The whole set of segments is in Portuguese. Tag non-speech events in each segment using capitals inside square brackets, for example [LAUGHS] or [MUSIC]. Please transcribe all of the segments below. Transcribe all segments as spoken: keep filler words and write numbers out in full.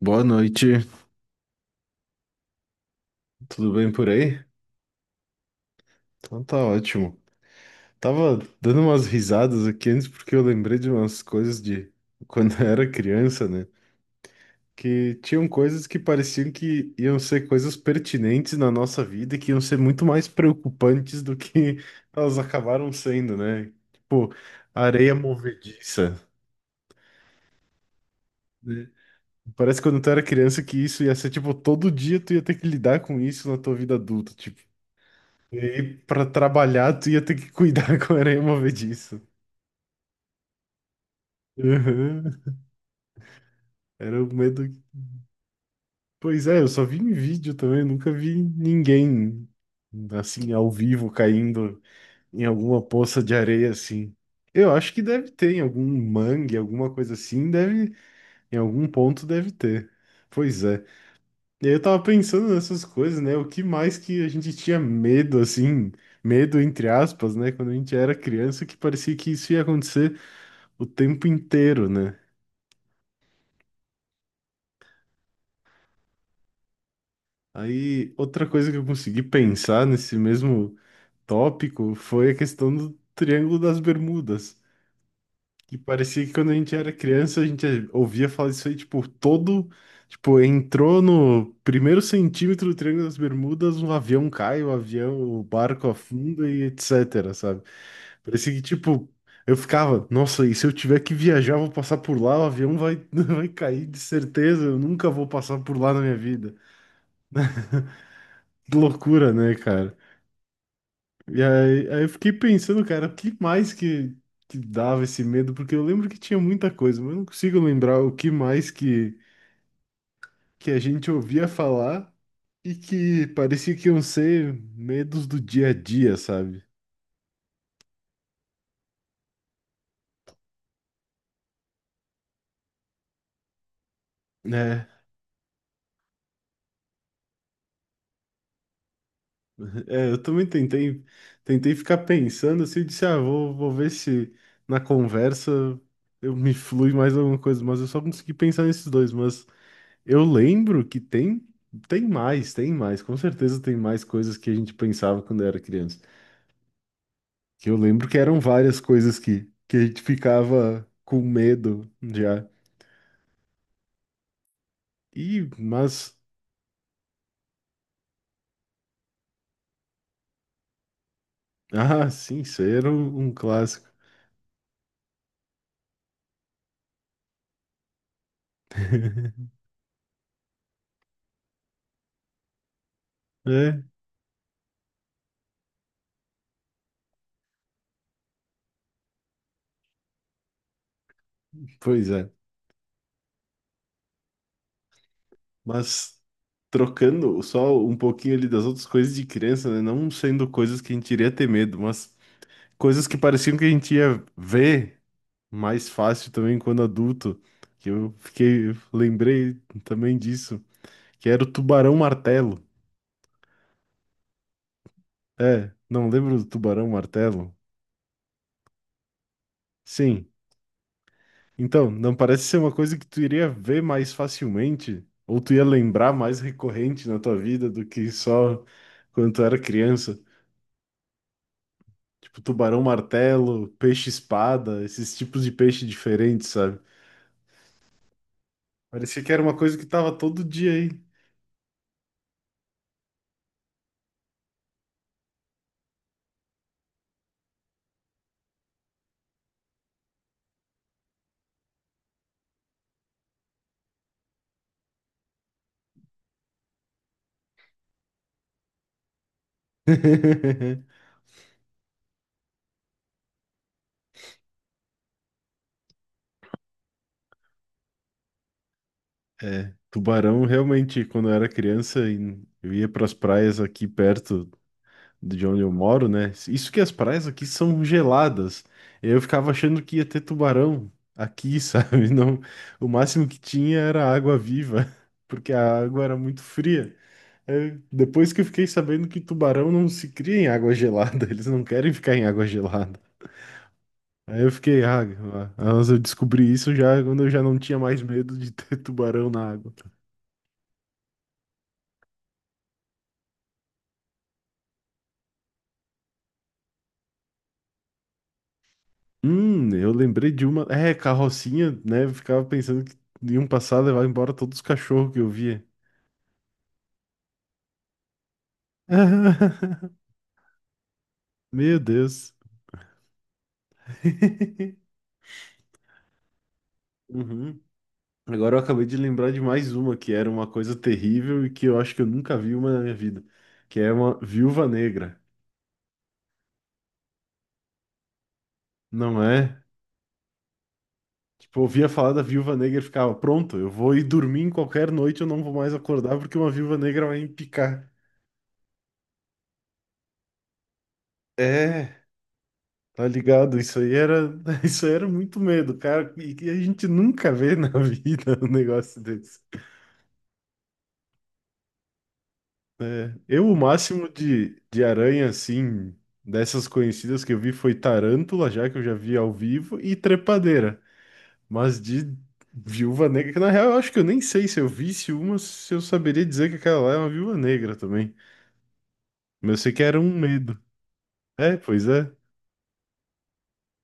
Boa noite, tudo bem por aí? Então tá ótimo. Tava dando umas risadas aqui antes porque eu lembrei de umas coisas de [LAUGHS] quando eu era criança, né? Que tinham coisas que pareciam que iam ser coisas pertinentes na nossa vida e que iam ser muito mais preocupantes do que [LAUGHS] elas acabaram sendo, né? Tipo, areia movediça. Né? Parece que quando tu era criança que isso ia ser, tipo, todo dia tu ia ter que lidar com isso na tua vida adulta. Tipo, e aí, pra trabalhar, tu ia ter que cuidar [LAUGHS] com aranha movediça. Uhum. Era o medo. Que- pois é, eu só vi em vídeo também, nunca vi ninguém assim ao vivo caindo em alguma poça de areia assim. Eu acho que deve ter em algum mangue, alguma coisa assim, deve em algum ponto deve ter. Pois é. E aí eu tava pensando nessas coisas, né? O que mais que a gente tinha medo assim, medo entre aspas, né, quando a gente era criança, que parecia que isso ia acontecer o tempo inteiro, né? Aí, outra coisa que eu consegui pensar nesse mesmo tópico foi a questão do Triângulo das Bermudas, que parecia que quando a gente era criança, a gente ouvia falar disso aí, tipo, todo, tipo, entrou no primeiro centímetro do Triângulo das Bermudas, um avião cai, o avião, o barco afunda e etc, sabe? Parecia que, tipo, eu ficava, nossa, e se eu tiver que viajar, eu vou passar por lá, o avião vai, [LAUGHS] vai cair de certeza, eu nunca vou passar por lá na minha vida. [LAUGHS] Que loucura, né, cara? E aí, aí eu fiquei pensando, cara, o que mais que, que dava esse medo? Porque eu lembro que tinha muita coisa, mas eu não consigo lembrar o que mais que, que a gente ouvia falar e que parecia que iam ser medos do dia a dia, sabe? É, é, eu também tentei, tentei ficar pensando assim, eu disse, ah, vou, vou ver se na conversa eu me flui mais alguma coisa, mas eu só consegui pensar nesses dois, mas eu lembro que tem, tem mais, tem mais, com certeza tem mais coisas que a gente pensava quando era criança. Que eu lembro que eram várias coisas que, que a gente ficava com medo já. E, mas, [LAUGHS] ah, sim, isso aí era um um clássico. [LAUGHS] É, pois é. Mas trocando só um pouquinho ali das outras coisas de criança, né? Não sendo coisas que a gente iria ter medo, mas coisas que pareciam que a gente ia ver mais fácil também quando adulto, que eu fiquei, lembrei também disso, que era o tubarão martelo. É, não lembro do tubarão martelo? Sim. Então, não parece ser uma coisa que tu iria ver mais facilmente, ou tu ia lembrar mais recorrente na tua vida do que só quando tu era criança. Tipo, tubarão martelo, peixe espada, esses tipos de peixe diferentes, sabe? Parecia que era uma coisa que tava todo dia aí. [LAUGHS] Tubarão, realmente, quando eu era criança, em- eu ia para as praias aqui perto de onde eu moro, né? Isso que as praias aqui são geladas. Eu ficava achando que ia ter tubarão aqui, [LAUGHS] sabe? Não, o máximo que tinha era água viva, [LAUGHS] porque a água era muito fria. É, depois que eu fiquei sabendo que tubarão não se cria em água gelada, [LAUGHS] eles não querem ficar em água gelada. Aí eu fiquei, ah, ah, mas eu descobri isso já quando eu já não tinha mais medo de ter tubarão na água. Hum, eu lembrei de uma. É, carrocinha, né? Eu ficava pensando que iam passar, levar embora todos os cachorros que eu via. [LAUGHS] Meu Deus. [LAUGHS] Uhum. Agora eu acabei de lembrar de mais uma que era uma coisa terrível e que eu acho que eu nunca vi uma na minha vida, que é uma viúva negra, não é? Tipo, eu ouvia falar da viúva negra e ficava, pronto, eu vou ir dormir em qualquer noite, eu não vou mais acordar porque uma viúva negra vai me picar. É, tá ligado? Isso aí era, [LAUGHS] isso aí era muito medo, cara. E que a gente nunca vê na [LAUGHS] vida um negócio desse. Eu, o máximo de, de aranha, assim, dessas conhecidas que eu vi foi tarântula, já que eu já vi ao vivo, e trepadeira. Mas de viúva negra, que na real eu acho que eu nem sei se eu visse uma, se eu saberia dizer que aquela lá é uma viúva negra também. Mas eu sei que era um medo. É, pois é.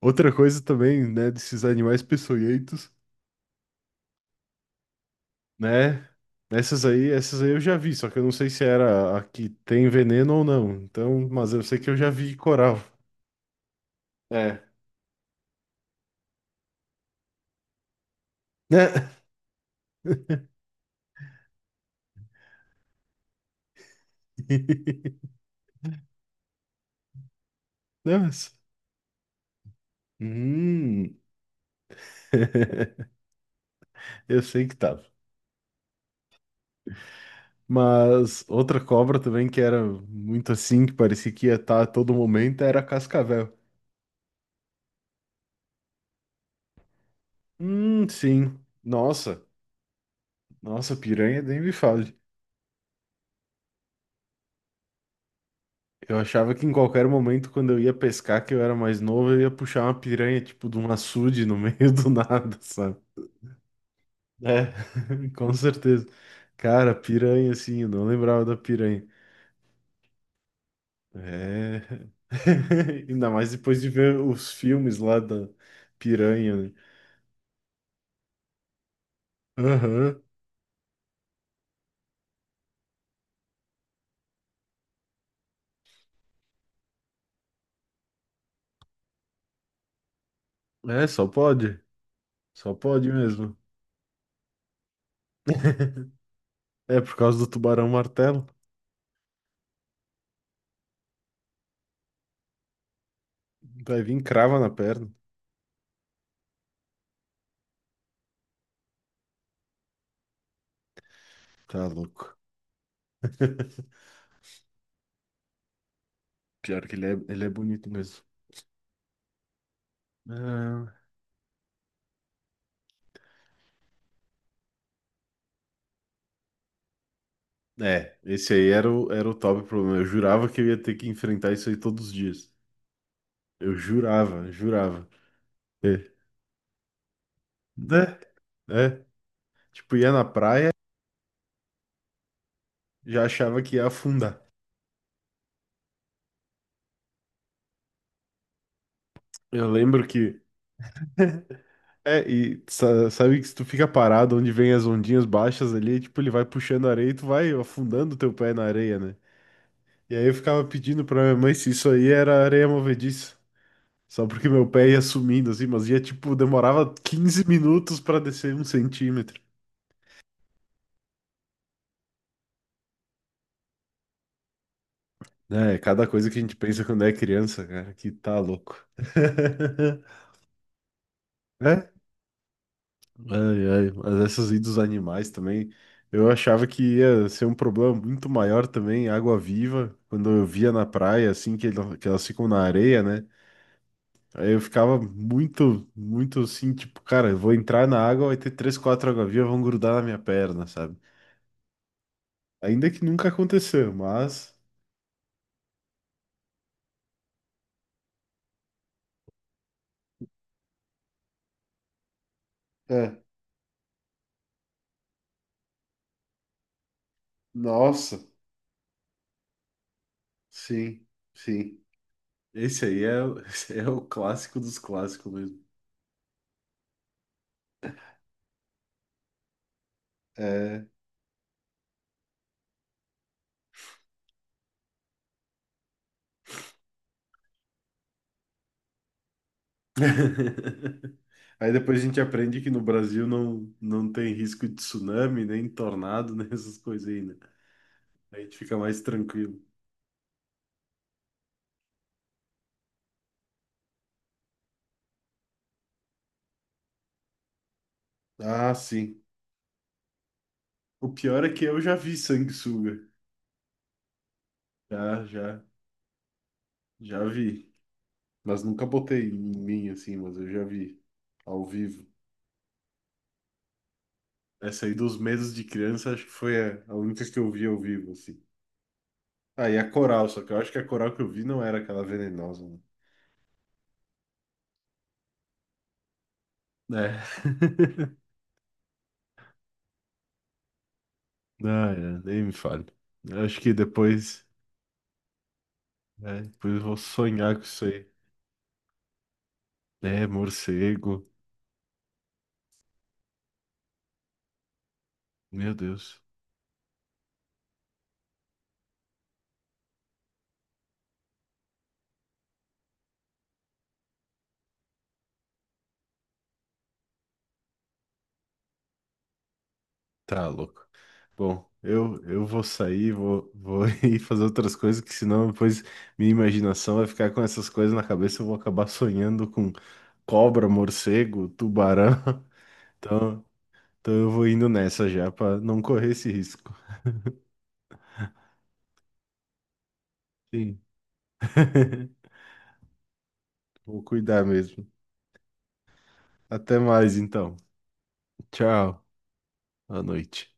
Outra coisa também, né, desses animais peçonhentos. Né? Essas aí, essas aí eu já vi, só que eu não sei se era a que tem veneno ou não. Então, mas eu sei que eu já vi coral. É. Né? [LAUGHS] Nossa. Hum. [LAUGHS] Eu sei que tava. Mas outra cobra também que era muito assim, que parecia que ia estar a todo momento, era a cascavel. Hum, sim. Nossa, nossa, piranha nem me fala. Eu achava que em qualquer momento, quando eu ia pescar, que eu era mais novo, eu ia puxar uma piranha, tipo, de um açude no [LAUGHS] meio do nada, sabe? É, [LAUGHS] com certeza. Cara, piranha, assim, eu não lembrava da piranha. É. [LAUGHS] Ainda mais depois de ver os filmes lá da piranha, né? Aham. É, só pode. Só pode mesmo. [LAUGHS] É, por causa do tubarão martelo. Vai vir crava na perna. Tá louco. [LAUGHS] Pior que ele é, ele é bonito mesmo. Ah. É, esse aí era o, era o top problema. Eu jurava que eu ia ter que enfrentar isso aí todos os dias. Eu jurava, jurava. É, né? É. Tipo, ia na praia, já achava que ia afundar. Eu lembro que. [LAUGHS] É, e sa- sabe que se tu fica parado onde vem as ondinhas baixas ali, tipo, ele vai puxando a areia e tu vai afundando teu pé na areia, né? E aí eu ficava pedindo pra minha mãe se isso aí era areia movediça. Só porque meu pé ia sumindo, assim, mas ia, tipo, demorava quinze minutos pra descer um centímetro. É, é cada coisa que a gente pensa quando é criança, cara, que tá louco. [LAUGHS] É? Ai, ai, mas essas idas dos animais também, eu achava que ia ser um problema muito maior também, água-viva, quando eu via na praia, assim, que, ela- que elas ficam na areia, né? Aí eu ficava muito, muito assim, tipo, cara, eu vou entrar na água, vai ter três, quatro água-viva, vão grudar na minha perna, sabe? Ainda que nunca aconteceu, mas... É, nossa, sim, sim. Esse aí é, o- [LAUGHS] esse é o clássico dos clássicos mesmo. É. [LAUGHS] Aí depois a gente aprende que no Brasil não, não tem risco de tsunami, nem tornado, [LAUGHS] nem essas coisas aí, né? Aí a gente fica mais tranquilo. Ah, sim. O pior é que eu já vi sanguessuga. Já, já, já vi. Mas nunca botei em mim assim, mas eu já vi ao vivo. Essa aí dos medos de criança, acho que foi a, a única que eu vi ao vivo, assim. Ah, e a coral, só que eu acho que a coral que eu vi não era aquela venenosa, né? É. [LAUGHS] Ah, é, nem me fale. Eu acho que depois, né, depois eu vou sonhar com isso aí. É, morcego. Meu Deus. Tá louco. Bom, eu, eu vou sair, vou, vou [LAUGHS] ir fazer outras coisas, que senão depois minha imaginação vai ficar com essas coisas na cabeça, eu vou acabar sonhando com cobra, morcego, tubarão. [LAUGHS] Então, então eu vou indo nessa já, para não correr esse risco. Sim. [LAUGHS] Vou cuidar mesmo. Até mais então. Tchau. À noite.